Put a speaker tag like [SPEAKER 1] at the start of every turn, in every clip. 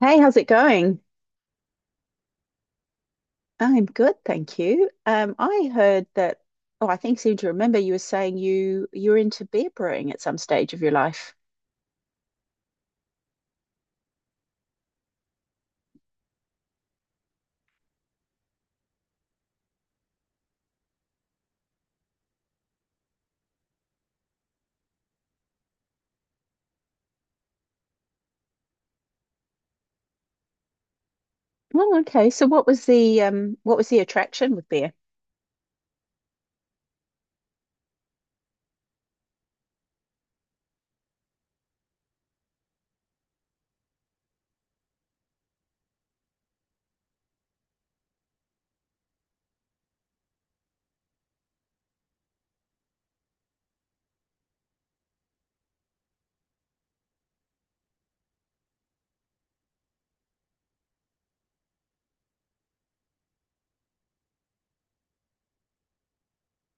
[SPEAKER 1] Hey, how's it going? I'm good, thank you. I heard that, oh, I think seem to remember you were saying you were into beer brewing at some stage of your life. Oh, okay. So what was the what was the attraction with beer?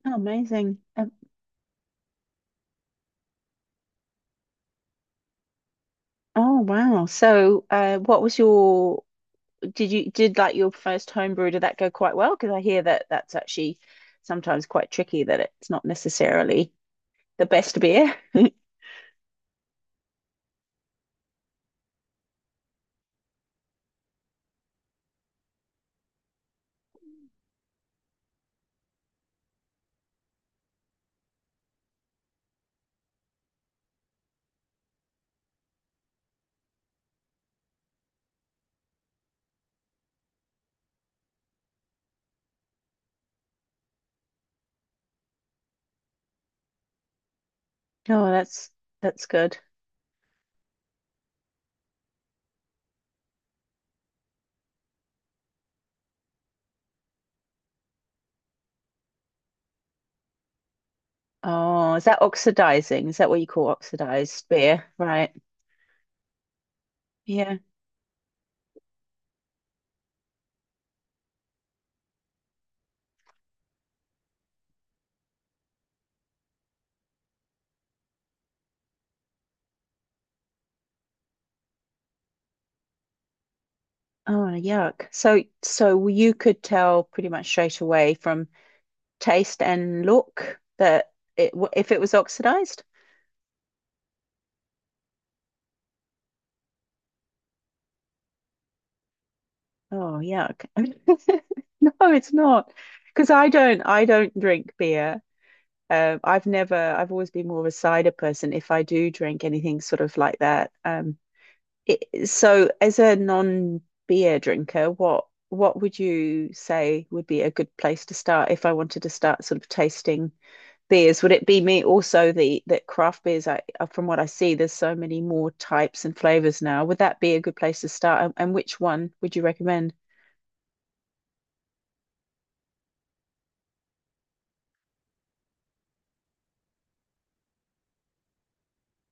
[SPEAKER 1] Oh, amazing. Oh, wow. So, what was your did you did like your first home brew? Did that go quite well? Because I hear that that's actually sometimes quite tricky, that it's not necessarily the best beer. Oh, that's good. Oh, is that oxidizing? Is that what you call oxidized beer? Right. Yeah. Oh, yuck. So, so you could tell pretty much straight away from taste and look that if it was oxidized. Oh, yuck. No, it's not. Because I don't drink beer. I've never, I've always been more of a cider person. If I do drink anything sort of like that. It, so as a non-beer drinker, what would you say would be a good place to start if I wanted to start sort of tasting beers? Would it be me also the that craft beers I from what I see, there's so many more types and flavors now. Would that be a good place to start? And which one would you recommend?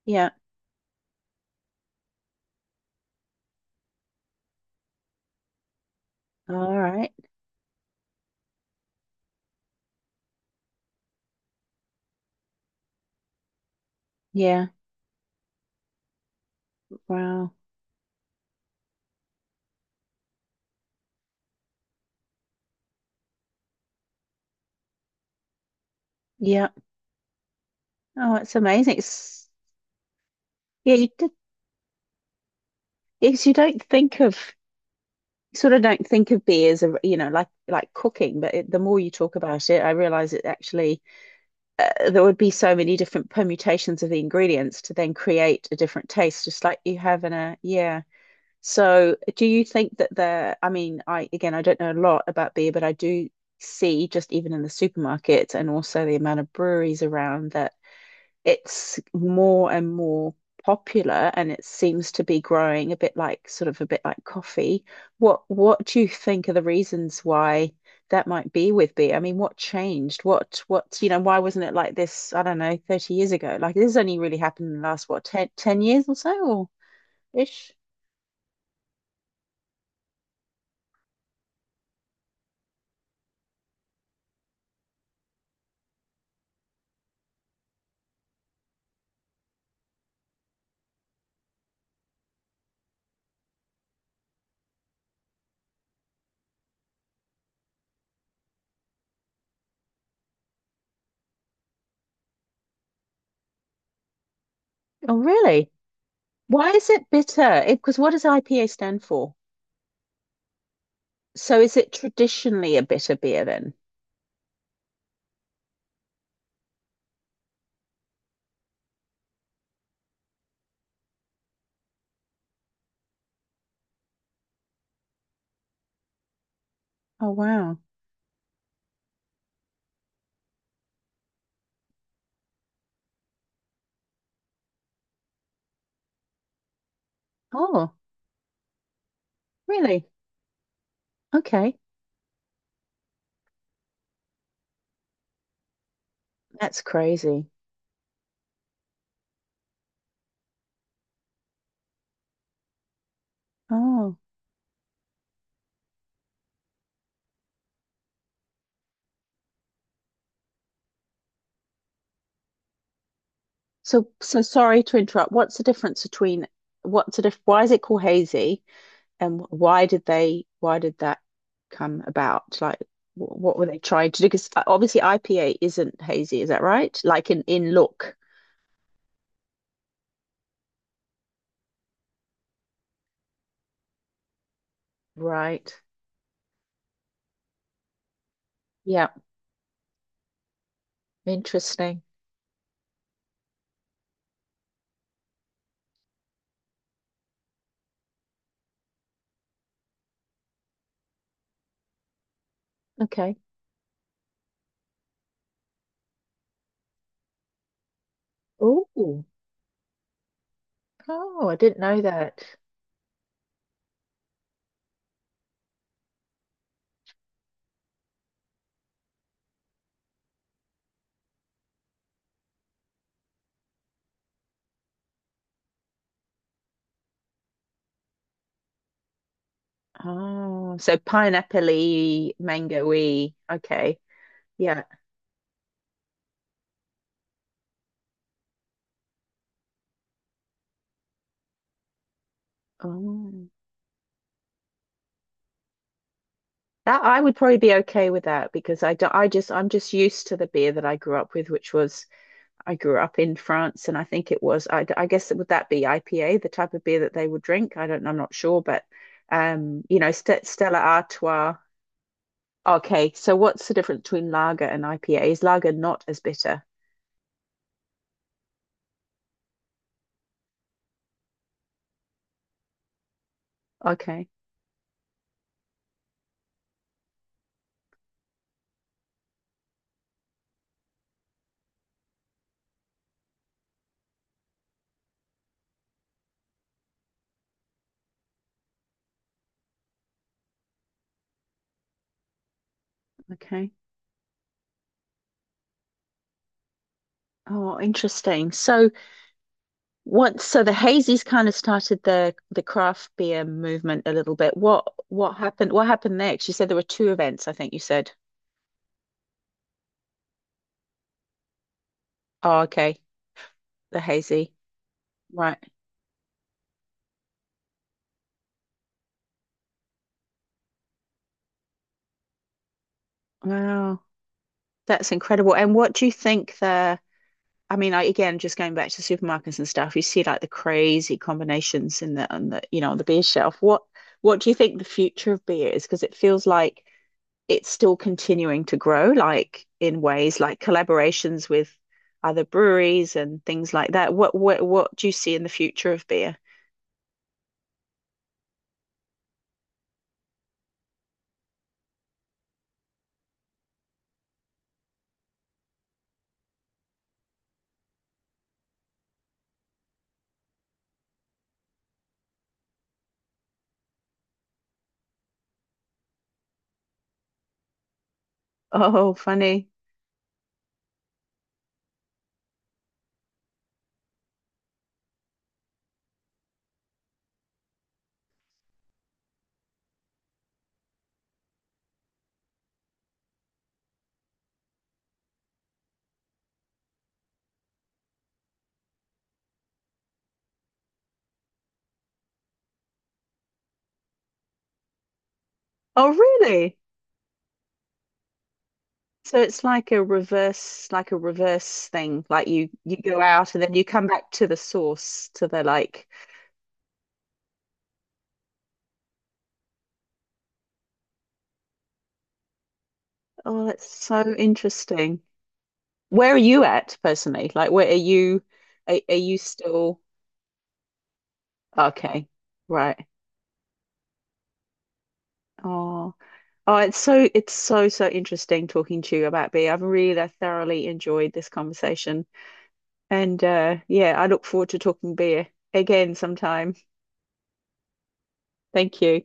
[SPEAKER 1] Yeah. All right. Yeah. Wow. Yeah. Oh, it's amazing. It's, yeah, you did, yes, you don't think of sort of don't think of beer as a, you know, like cooking but it, the more you talk about it I realize it actually there would be so many different permutations of the ingredients to then create a different taste just like you have in a yeah so do you think that the I mean I again I don't know a lot about beer but I do see just even in the supermarket and also the amount of breweries around that it's more and more popular and it seems to be growing a bit like sort of a bit like coffee. What do you think are the reasons why that might be with beer? I mean, what changed? What you know, why wasn't it like this, I don't know, 30 years ago? Like this has only really happened in the last what ten years or so or ish? Oh, really? Why is it bitter? Because what does IPA stand for? So is it traditionally a bitter beer then? Oh, wow. Oh, really? Okay. That's crazy. Oh, so so sorry to interrupt. What's the difference between what's the diff why is it called hazy and why did they why did that come about? Like what were they trying to do? Because obviously IPA isn't hazy, is that right? Like in look. Right. Yeah, interesting. Okay. Oh, oh, I didn't know that. Oh, so pineapple-y, mango-y. Okay. Yeah. Oh. That I would probably be okay with that because I just I'm just used to the beer that I grew up with, which was I grew up in France, and I think it was I guess would that be IPA, the type of beer that they would drink? I don't I'm not sure, but you know, St Stella Artois. Okay, so what's the difference between lager and IPA? Is lager not as bitter? Okay, okay. Oh, interesting. So once, so the hazies kind of started the craft beer movement a little bit. What happened? What happened next? You said there were two events, I think you said. Oh, okay. The hazy. Right. Wow. That's incredible. And what do you think the I mean I again just going back to supermarkets and stuff, you see like the crazy combinations in the on the, you know, on the beer shelf. What do you think the future of beer is? Because it feels like it's still continuing to grow, like in ways like collaborations with other breweries and things like that. What do you see in the future of beer? Oh, funny. Oh, really? So it's like a reverse thing. Like you go out and then you come back to the source, to the like, oh, that's so interesting. Where are you at personally? Like, where are you? Are you still okay? Right. Oh. Oh, it's so so interesting talking to you about beer. I've really thoroughly enjoyed this conversation. And yeah, I look forward to talking beer again sometime. Thank you.